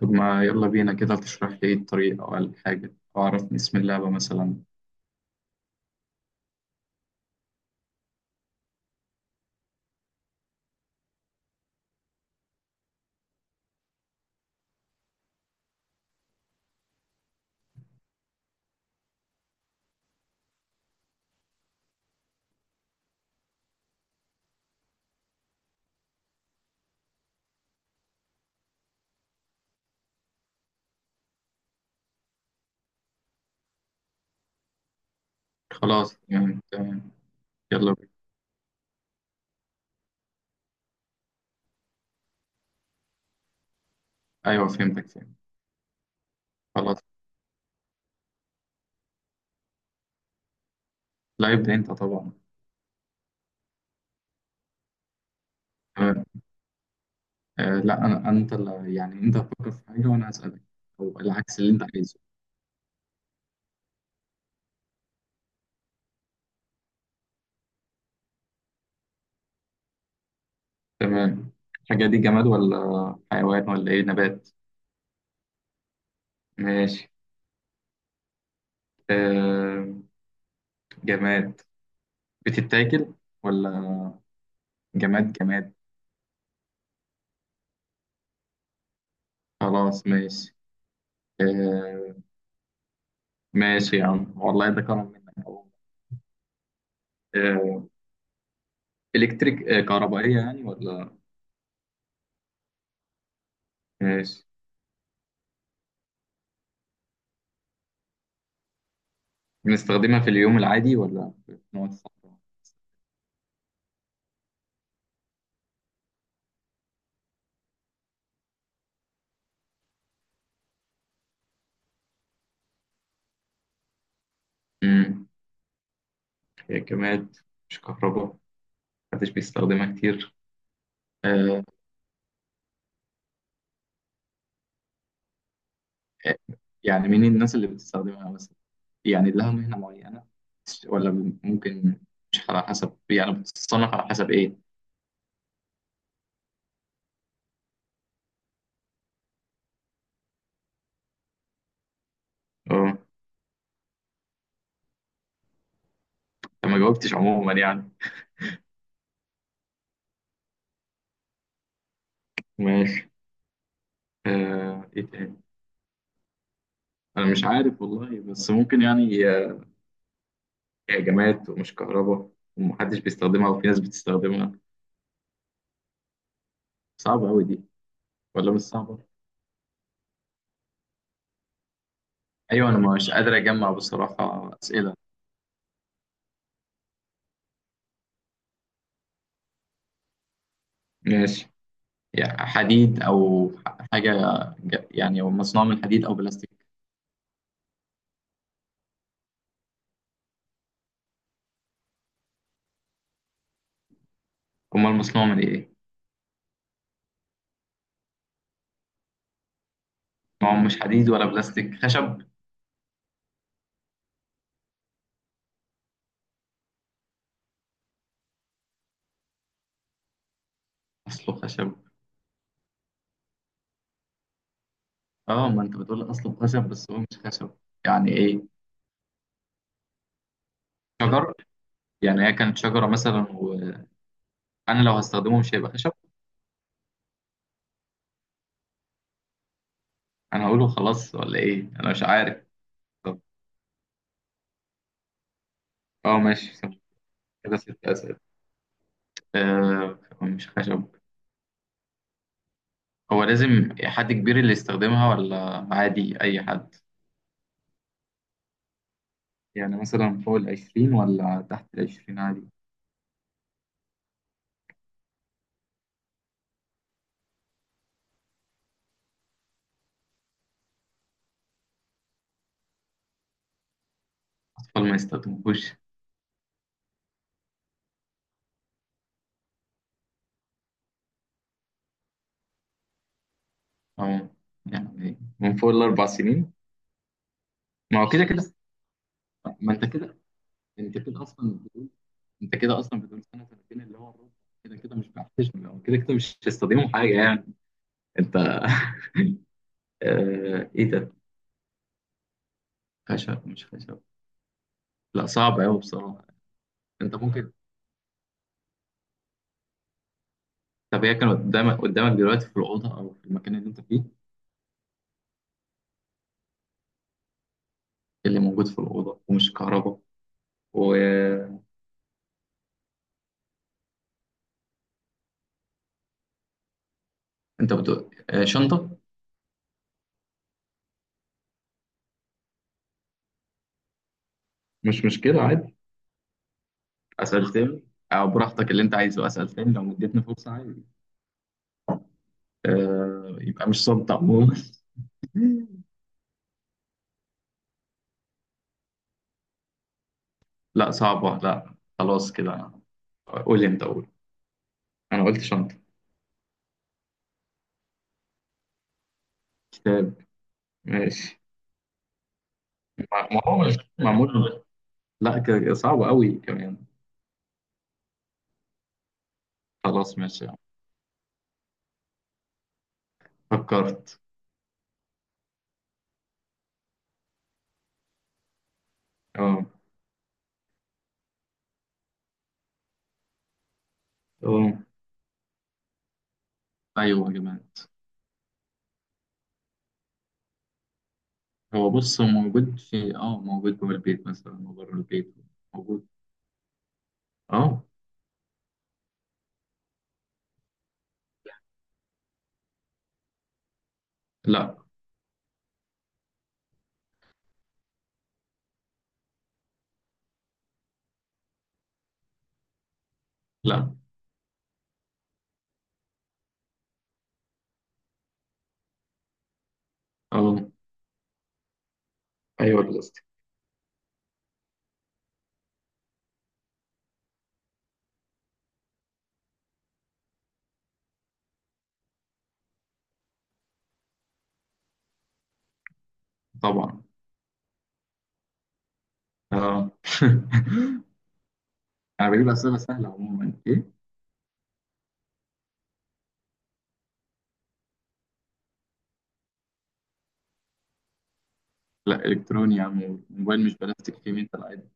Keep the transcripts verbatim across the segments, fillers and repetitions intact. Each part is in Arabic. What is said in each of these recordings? طب ما يلا بينا كده، تشرح لي إيه الطريق أو الحاجة أو عرفني اسم اللعبة مثلا. خلاص، تمام تمام. يلا بينا. أيوه، فهمتك فهمت. خلاص، لا يبدأ أنت طبعا. تمام. آه لا، أنا أنت اللي يعني أنت هتفكر في حاجة وأنا هسألك. أو العكس اللي أنت عايزه. تمام. الحاجة دي جماد ولا حيوان ولا إيه، نبات؟ ماشي. آه، جماد. بتتاكل ولا؟ جماد جماد؟ خلاص ماشي. آه، ماشي يا عم، والله ده كرم منك. آه، إلكتريك، آه، كهربائية يعني، ولا؟ ماشي. بنستخدمها في اليوم العادي ولا في نوع الصحراء؟ امم هي كماد، مش كهرباء، محدش بيستخدمها كتير. آه، آه، يعني مين الناس اللي بتستخدمها مثلا؟ يعني لها مهنة معينة ولا ممكن؟ مش على حسب، يعني بتتصنف على حسب ايه؟ اه. أنا ما جاوبتش عموما يعني. ماشي. آه، ايه تاني؟ انا مش عارف والله، بس ممكن يعني، آه، هي جماد ومش كهرباء ومحدش بيستخدمها وفي ناس بتستخدمها. صعبة أوي دي. ولا مش صعبة؟ أيوة، أنا مش قادر أجمع بصراحة أسئلة. ماشي. يعني حديد أو حاجة، ج- يعني هو مصنوع من حديد أو بلاستيك؟ أمال مصنوع من إيه؟ ما هو مش حديد ولا بلاستيك، خشب؟ أصله خشب. أه، ما أنت بتقول أصله خشب بس هو مش خشب. يعني إيه؟ شجر، يعني هي كانت شجرة مثلا، وأنا لو هستخدمه مش هيبقى خشب. أنا هقوله خلاص ولا إيه؟ أنا مش عارف. طب. أه، ماشي. كده ست أسئلة. أه، مش خشب. هو لازم حد كبير اللي يستخدمها ولا عادي أي حد؟ يعني مثلا فوق العشرين ولا تحت العشرين عادي؟ أطفال ما يستخدموش، أو يعني من فوق الأربع سنين؟ ما هو كده كده، ما أنت كده، أنت كده أصلا بتقول أنت كده أصلا بتقول سنة سنتين اللي هو الربع. كده كده مش بيحتشم، هو كده كده مش هيستخدموا حاجة يعني. أنت... آه إيه ده؟ خشب مش خشب؟ لا، صعب أوي بصراحة. أنت ممكن. طب، هي كانت قدامك قدامك دلوقتي في الأوضة أو في المكان اللي أنت فيه؟ اللي موجود في الأوضة ومش كهرباء. وأنت بتقول شنطة. مش مشكلة، عادي. أسأل تاني. أو براحتك اللي أنت عايزه، أسأل تاني لو مديتني فرصة، عادي. آه، يبقى مش صمت عموما. لا، صعبة. لا، خلاص كده. قول، أنت قول. أنا قلت شنطة. كتاب؟ ماشي. ما ما هو مش معمول. لا، ك- صعب قوي كمان. خلاص ماشي. فكرت. اه. اه. ايوه يا جماعه. هو بص، هو موجود في اه موجود جوه البيت مثلا وبره البيت موجود. اه. لا، لا. اه. ايوه، البلاستيك. طبعا. اه. انا بجيب اسئله سهله عموما، ايه؟ لا، الكتروني يا عم، الموبايل مش بلاستيك، فيه ميتال عادي.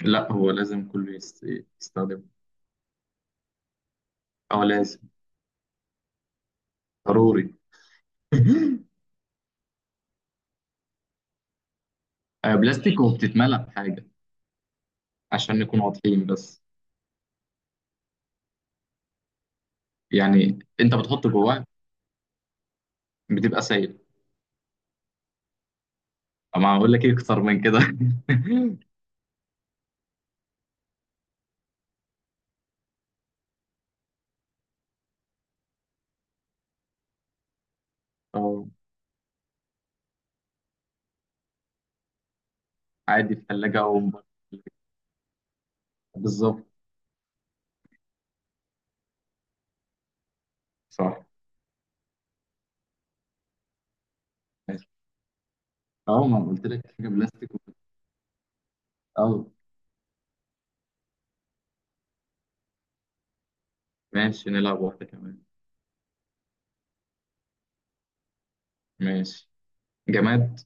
لا، هو لازم كله يست- يستخدمه. اه، لازم. ضروري. آه، بلاستيك وبتتملى بحاجه. عشان نكون واضحين بس. يعني انت بتحط جواها. بتبقى سايل. اما هقول لك ايه اكتر من كده؟ اه. عادي، في ثلاجة أو بره التلاجة. بالظبط. صح. ماشي. أه، ما أنا قلت لك حاجة بلاستيك و- أه. ماشي، نلعب واحدة كمان. ماشي. جماد؟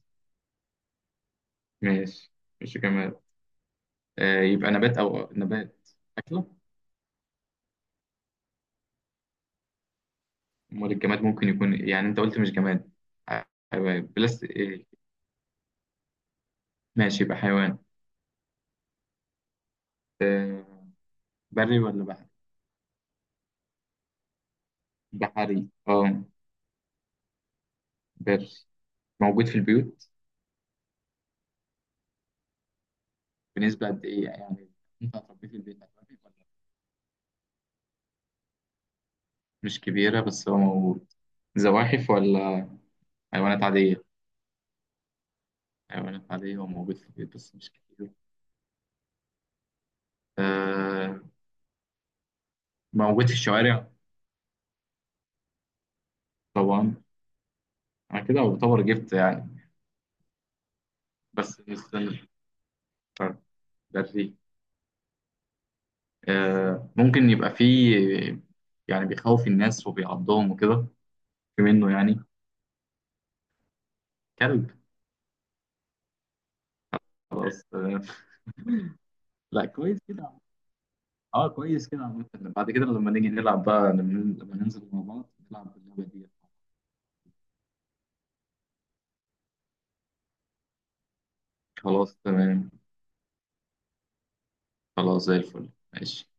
ماشي. مش جماد. آه يبقى نبات أو نبات أكلة؟ أمال الجماد ممكن يكون إيه؟ يعني أنت قلت مش جماد. ح- حيوان بلاستيك إيه؟ ماشي، يبقى حيوان. آه. بري ولا بحري؟ بحري؟ أه. بري. موجود في البيوت؟ بنسبة قد إيه يعني؟ ينفع تربيه في البيت ولا؟ مش كبيرة بس هو موجود. زواحف ولا؟ حيوانات عادية؟ حيوانات عادية وموجود في البيت بس مش كتير. آه موجود في الشوارع؟ طبعا. أنا كده أعتبر جبت يعني. بس استنى. بري. آه ممكن يبقى فيه يعني بيخوف الناس وبيعضهم وكده؟ في منه يعني؟ كلب. خلاص، آه. لا، كويس كده. اه، كويس كده عامة. بعد كده لما نيجي نلعب بقى، لما لما ننزل مع بعض نلعب باللعبة دي. خلاص، تمام. خلاص، زي الفل ماشي.